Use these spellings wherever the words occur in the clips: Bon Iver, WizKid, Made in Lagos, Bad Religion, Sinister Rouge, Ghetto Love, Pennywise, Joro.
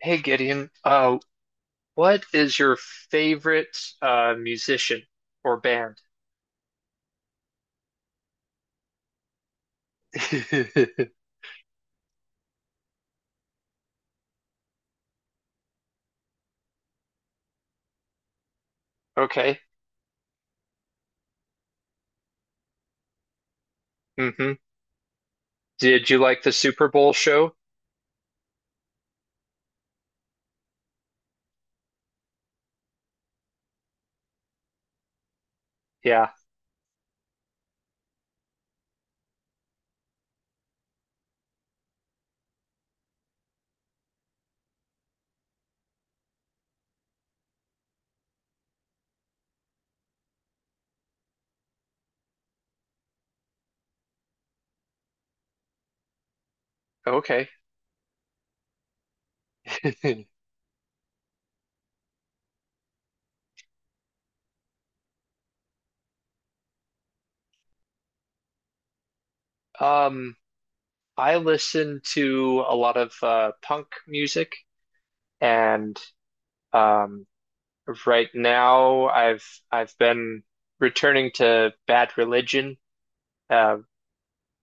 Hey Gideon, what is your favorite musician or band? Okay. Hmm. Did you like the Super Bowl show? Yeah. Okay. Um, I listen to a lot of punk music, and um, right now I've been returning to Bad Religion, uh,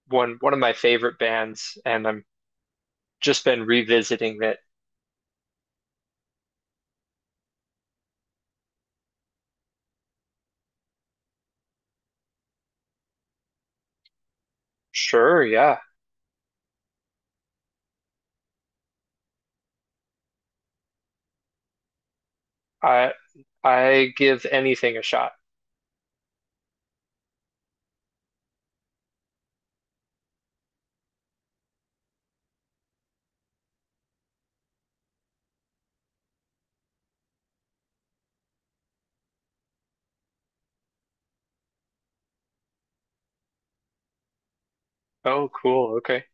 one of my favorite bands, and I'm just been revisiting it. Sure. Yeah. I I give anything a shot. Oh, cool. Okay.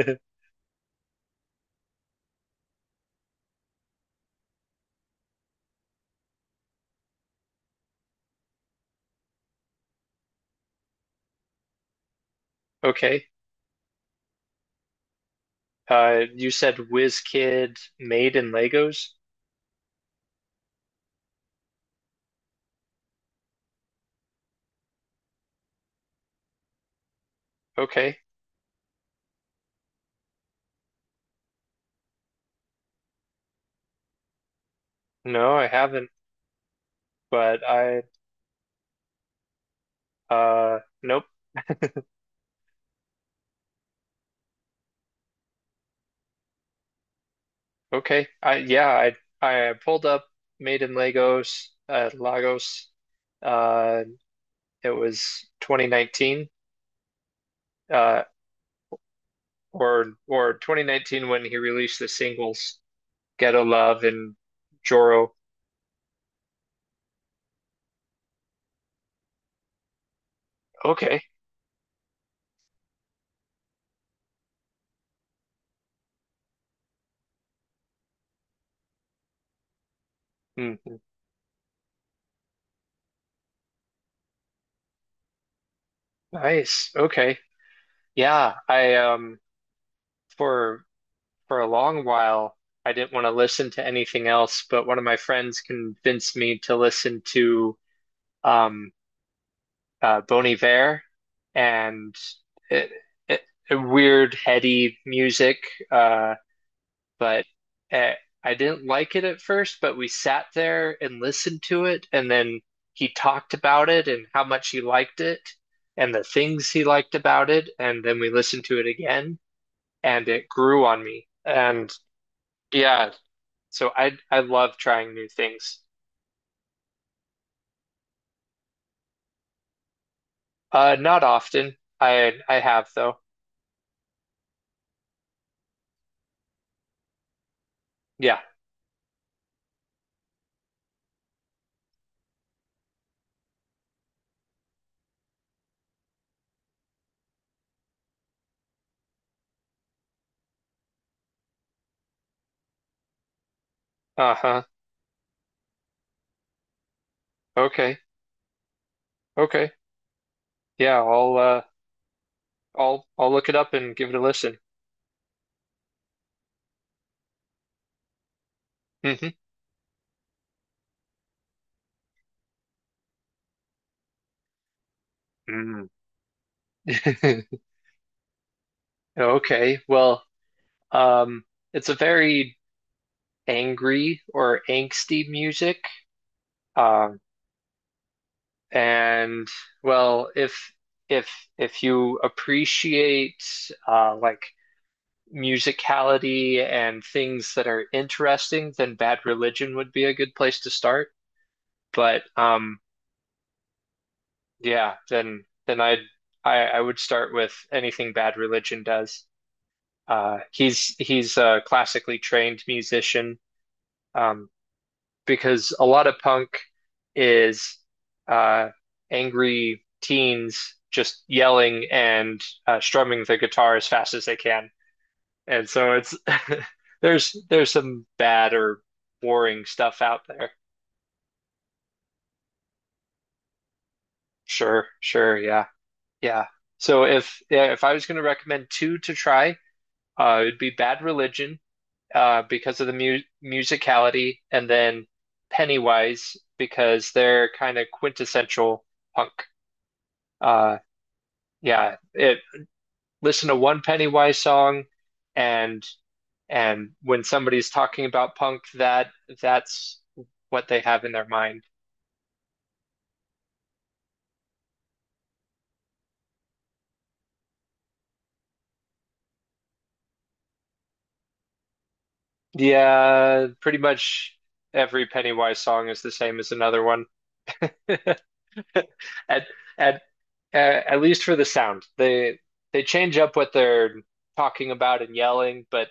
Okay. You said WizKid made in Legos? Okay. No, I haven't, but I nope. Okay. I yeah, I pulled up Made in Legos Lagos. Uh, it was 2019 uh or 2019 when he released the singles Ghetto Love and Joro. Okay. Mm-hmm. Nice. Okay. Yeah, I for for a long while I didn't want to listen to anything else, but one of my friends convinced me to listen to um Bon Iver and it, it, weird heady music, uh but eh, I didn't like it at first, but we sat there and listened to it and then he talked about it and how much he liked it and the things he liked about it and then we listened to it again and it grew on me. And yeah, so I love trying new things. Not often. I have though. Yeah. Uh-huh. Okay. Okay. Yeah, I'll I'll look it up and give it a listen. Hmm. Mm. Okay. Well, um it's a very angry or angsty music. Um and well, if if you appreciate like musicality and things that are interesting, then Bad Religion would be a good place to start. But yeah, then I would start with anything Bad Religion does. He's a classically trained musician, um, because a lot of punk is uh, angry teens just yelling and strumming the guitar as fast as they can. And so it's there's some bad or boring stuff out there. Sure, sure, yeah, yeah. So if yeah, if I was going to recommend two to try, it'd be Bad Religion, because of the mu musicality, and then Pennywise because they're kind of quintessential punk. Uh, yeah, it listen to one Pennywise song, and and when somebody's talking about punk, that's what they have in their mind. Yeah, pretty much every Pennywise song is the same as another one. At at at least for the sound. They change up what they're talking about and yelling, but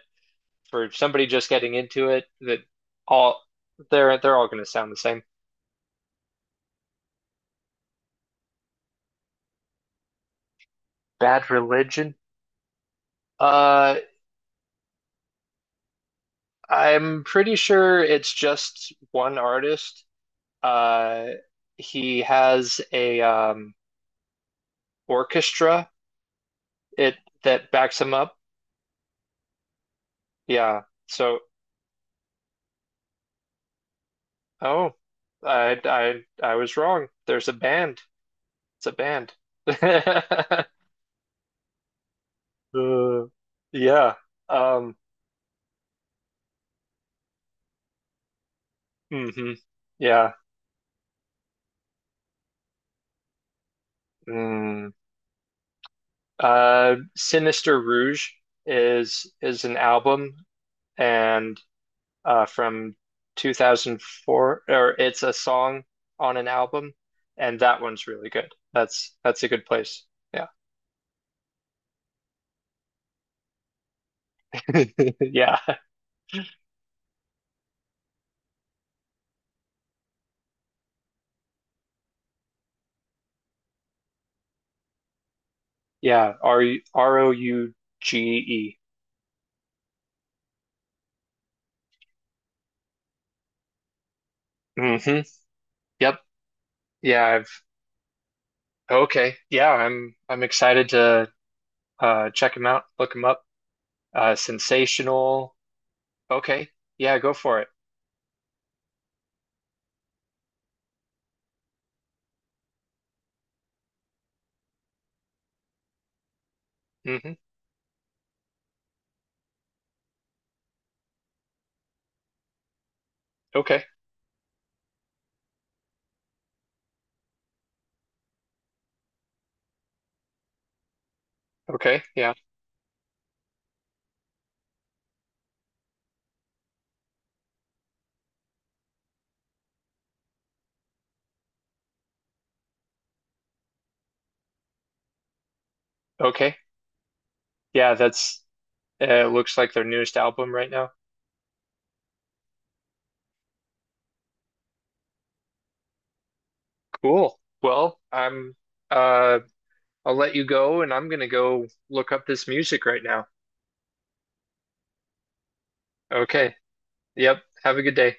for somebody just getting into it, that all they're all going to sound the same. Bad Religion. Uh, I'm pretty sure it's just one artist. Uh, he has a orchestra it that backs him up. Yeah. So, oh, I was wrong. There's a band. It's a band. Uh, yeah. Um. Hmm. Yeah. Mm. Uh, Sinister Rouge is an album, and from 2004, or it's a song on an album, and that one's really good. That's a good place. Yeah. Yeah. Yeah, Rouge. Mm-hmm. Yep. Yeah, I've Okay. Yeah, I'm excited to check him out, look him up. Uh, sensational. Okay. Yeah, go for it. Mm-hmm. Okay. Okay. Yeah. Okay. Yeah, that's looks like their newest album right now. Cool. Well, I'm uh I'll let you go and I'm gonna go look up this music right now. Okay. Yep. Have a good day.